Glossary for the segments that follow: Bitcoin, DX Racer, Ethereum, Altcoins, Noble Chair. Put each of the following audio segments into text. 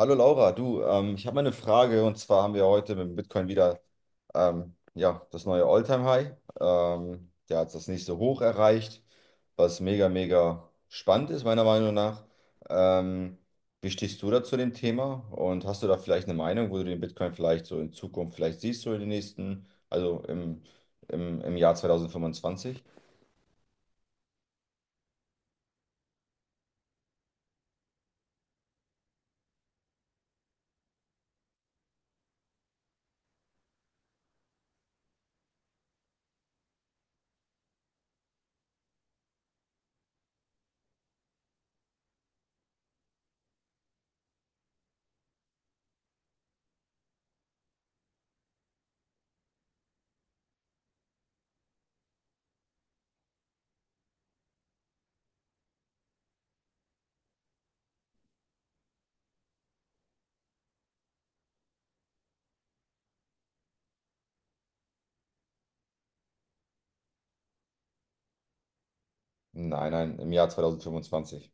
Hallo Laura, du, ich habe mal eine Frage, und zwar haben wir heute mit dem Bitcoin wieder ja, das neue All-Time-High. Der hat das nächste Hoch erreicht, was mega, mega spannend ist, meiner Meinung nach. Ähm, Wie stehst du da zu dem Thema und hast du da vielleicht eine Meinung, wo du den Bitcoin vielleicht so in Zukunft vielleicht siehst, so in den nächsten, also im Jahr 2025? Nein, nein, im Jahr 2025.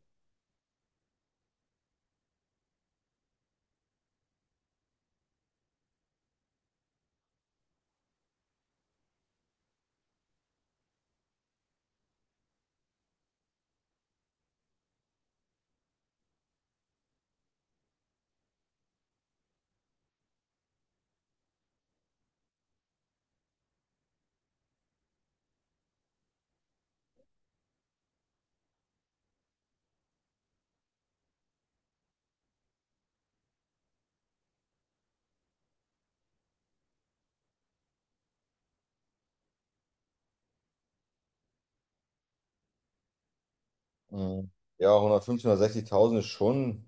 Mhm. Ja, 150.000, 160.000 ist schon.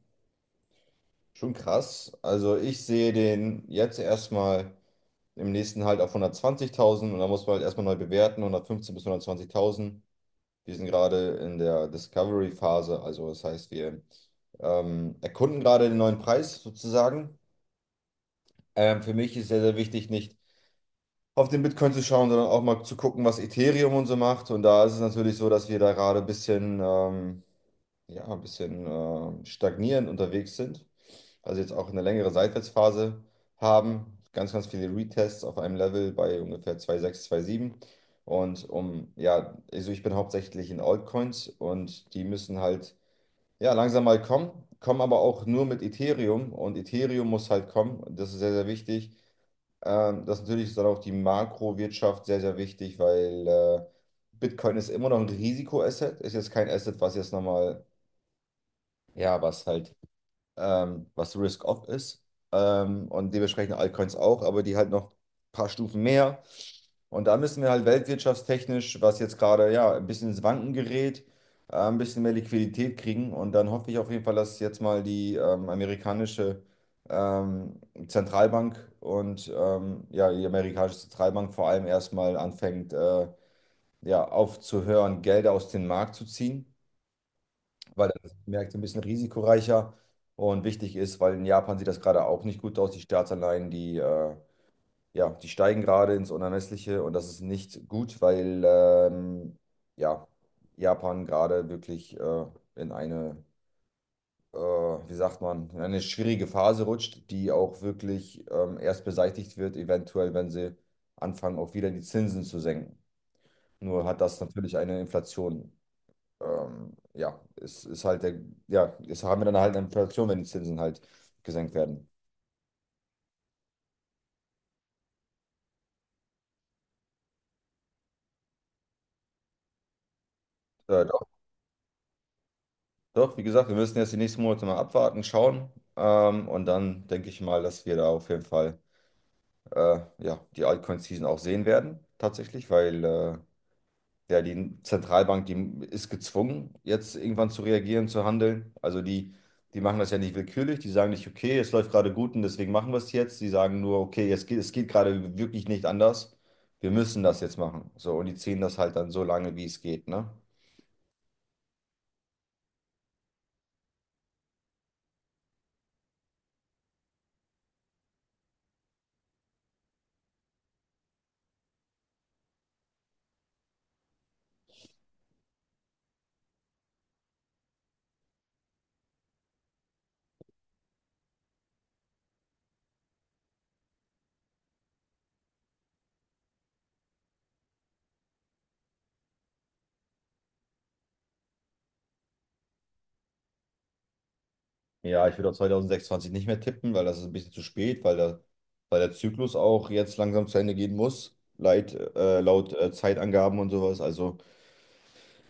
Schon krass. Also ich sehe den jetzt erstmal im nächsten Halt auf 120.000, und da muss man halt erstmal neu bewerten, 115 bis 120.000. Wir sind gerade in der Discovery-Phase, also das heißt, wir erkunden gerade den neuen Preis sozusagen. Für mich ist sehr, sehr wichtig, nicht auf den Bitcoin zu schauen, sondern auch mal zu gucken, was Ethereum und so macht. Und da ist es natürlich so, dass wir da gerade ein bisschen, ja, ein bisschen stagnierend unterwegs sind, also jetzt auch eine längere Seitwärtsphase haben. Ganz, ganz viele Retests auf einem Level bei ungefähr 2,6, sieben. Und ja, also ich bin hauptsächlich in Altcoins, und die müssen halt, ja, langsam mal kommen, kommen aber auch nur mit Ethereum, und Ethereum muss halt kommen. Das ist sehr, sehr wichtig. Das natürlich ist dann auch die Makrowirtschaft sehr, sehr wichtig, weil Bitcoin ist immer noch ein Risikoasset, ist jetzt kein Asset, was jetzt nochmal, ja, was halt was Risk-Off ist. Und dementsprechend Altcoins auch, aber die halt noch ein paar Stufen mehr. Und da müssen wir halt weltwirtschaftstechnisch, was jetzt gerade ja ein bisschen ins Wanken gerät, ein bisschen mehr Liquidität kriegen. Und dann hoffe ich auf jeden Fall, dass jetzt mal die amerikanische ähm, Zentralbank und ja, die amerikanische Zentralbank vor allem erstmal anfängt, ja, aufzuhören, Gelder aus dem Markt zu ziehen, weil das merkt, ein bisschen risikoreicher und wichtig ist, weil in Japan sieht das gerade auch nicht gut aus. Die Staatsanleihen, die, ja, die steigen gerade ins Unermessliche, und das ist nicht gut, weil ja, Japan gerade wirklich in eine, wie sagt man, in eine schwierige Phase rutscht, die auch wirklich erst beseitigt wird, eventuell, wenn sie anfangen, auch wieder die Zinsen zu senken. Nur hat das natürlich eine Inflation ja, es ist halt der, ja, es haben wir dann halt eine Inflation, wenn die Zinsen halt gesenkt werden. Doch, doch, wie gesagt, wir müssen jetzt die nächsten Monate mal abwarten, schauen. Und dann denke ich mal, dass wir da auf jeden Fall ja, die Altcoin-Season auch sehen werden, tatsächlich, weil ja, die Zentralbank, die ist gezwungen, jetzt irgendwann zu reagieren, zu handeln. Also die machen das ja nicht willkürlich, die sagen nicht, okay, es läuft gerade gut und deswegen machen wir es jetzt. Die sagen nur, okay, es geht gerade wirklich nicht anders. Wir müssen das jetzt machen. So, und die ziehen das halt dann so lange, wie es geht, ne? Ja, ich würde auf 2026 nicht mehr tippen, weil das ist ein bisschen zu spät, weil der Zyklus auch jetzt langsam zu Ende gehen muss, laut Zeitangaben und sowas. Also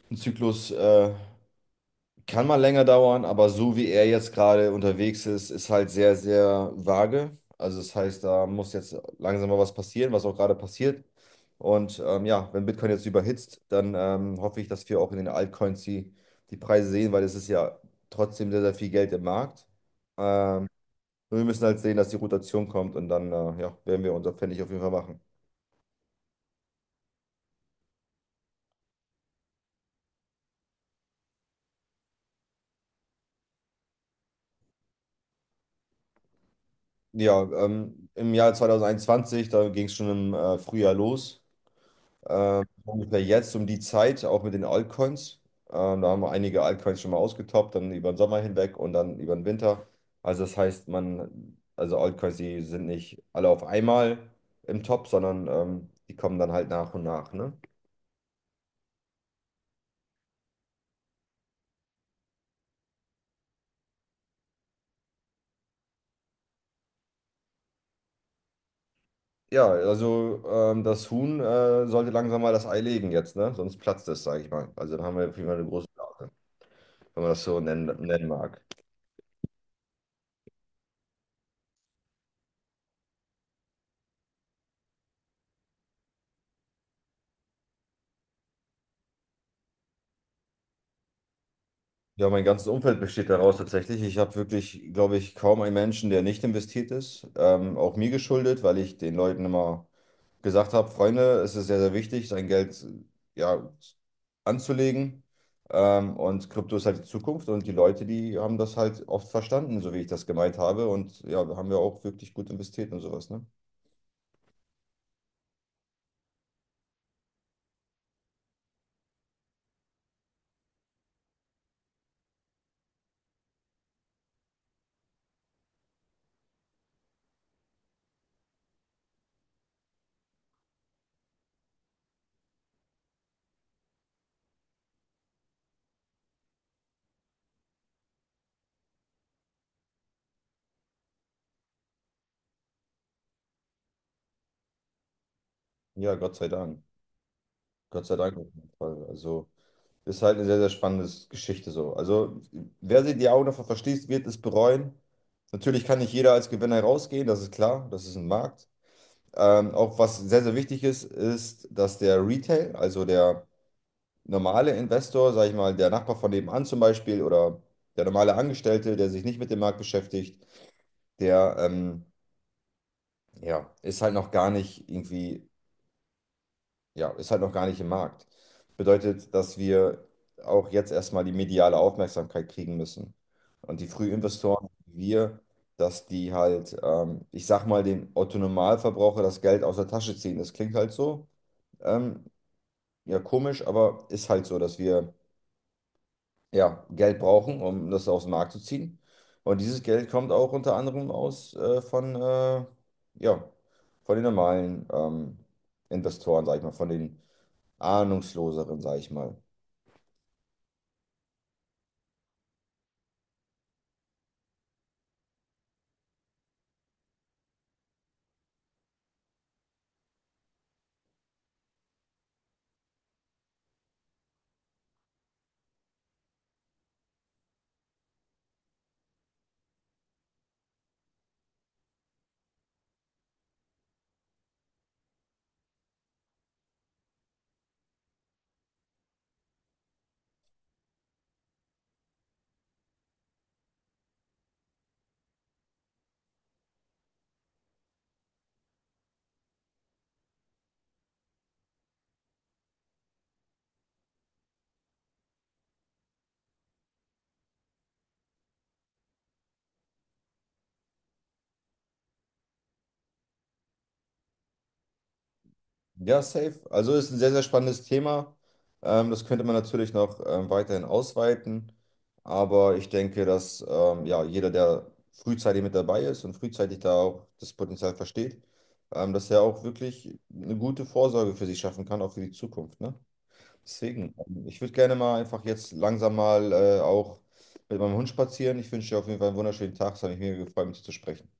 ein Zyklus kann mal länger dauern, aber so wie er jetzt gerade unterwegs ist, ist halt sehr, sehr vage. Also das heißt, da muss jetzt langsam mal was passieren, was auch gerade passiert. Und ja, wenn Bitcoin jetzt überhitzt, dann hoffe ich, dass wir auch in den Altcoins die Preise sehen, weil es ist ja trotzdem sehr, sehr viel Geld im Markt. Ähm, und wir müssen halt sehen, dass die Rotation kommt und dann ja, werden wir unser Pfennig auf jeden Fall machen. Ja, im Jahr 2021, da ging es schon im Frühjahr los. Ungefähr jetzt um die Zeit, auch mit den Altcoins. Da haben wir einige Altcoins schon mal ausgetoppt, dann über den Sommer hinweg und dann über den Winter. Also das heißt, man, also Altcoins, die sind nicht alle auf einmal im Top, sondern die kommen dann halt nach und nach, ne? Ja, also das Huhn sollte langsam mal das Ei legen jetzt, ne? Sonst platzt es, sage ich mal. Also dann haben wir auf jeden Fall eine große Blase, wenn man das so nennen mag. Ja, mein ganzes Umfeld besteht daraus tatsächlich. Ich habe wirklich, glaube ich, kaum einen Menschen, der nicht investiert ist. Auch mir geschuldet, weil ich den Leuten immer gesagt habe: Freunde, es ist sehr, sehr wichtig, sein Geld ja, anzulegen. Und Krypto ist halt die Zukunft, und die Leute, die haben das halt oft verstanden, so wie ich das gemeint habe. Und ja, haben wir auch wirklich gut investiert und sowas, ne? Ja, Gott sei Dank. Gott sei Dank auf jeden Fall. Also. Ist halt eine sehr, sehr spannende Geschichte so. Also, wer sich die Augen davor verschließt, wird es bereuen. Natürlich kann nicht jeder als Gewinner rausgehen, das ist klar, das ist ein Markt. Auch was sehr, sehr wichtig ist, ist, dass der Retail, also der normale Investor, sag ich mal, der Nachbar von nebenan zum Beispiel oder der normale Angestellte, der sich nicht mit dem Markt beschäftigt, der ja, ist halt noch gar nicht irgendwie, ja, ist halt noch gar nicht im Markt. Bedeutet, dass wir auch jetzt erstmal die mediale Aufmerksamkeit kriegen müssen. Und die Frühinvestoren, wie wir, dass die halt, ich sag mal, den Otto-Normalverbraucher das Geld aus der Tasche ziehen. Das klingt halt so, ähm, ja, komisch, aber ist halt so, dass wir, ja, Geld brauchen, um das aus dem Markt zu ziehen. Und dieses Geld kommt auch unter anderem aus von, ja, von den normalen Investoren, sag ich mal, von den ahnungsloseren, sage ich mal. Ja, safe. Also ist ein sehr, sehr spannendes Thema. Das könnte man natürlich noch weiterhin ausweiten. Aber ich denke, dass ja, jeder, der frühzeitig mit dabei ist und frühzeitig da auch das Potenzial versteht, dass er auch wirklich eine gute Vorsorge für sich schaffen kann, auch für die Zukunft. Ne? Deswegen, ich würde gerne mal einfach jetzt langsam mal auch mit meinem Hund spazieren. Ich wünsche dir auf jeden Fall einen wunderschönen Tag. Es hat mich mega gefreut, mit dir zu sprechen.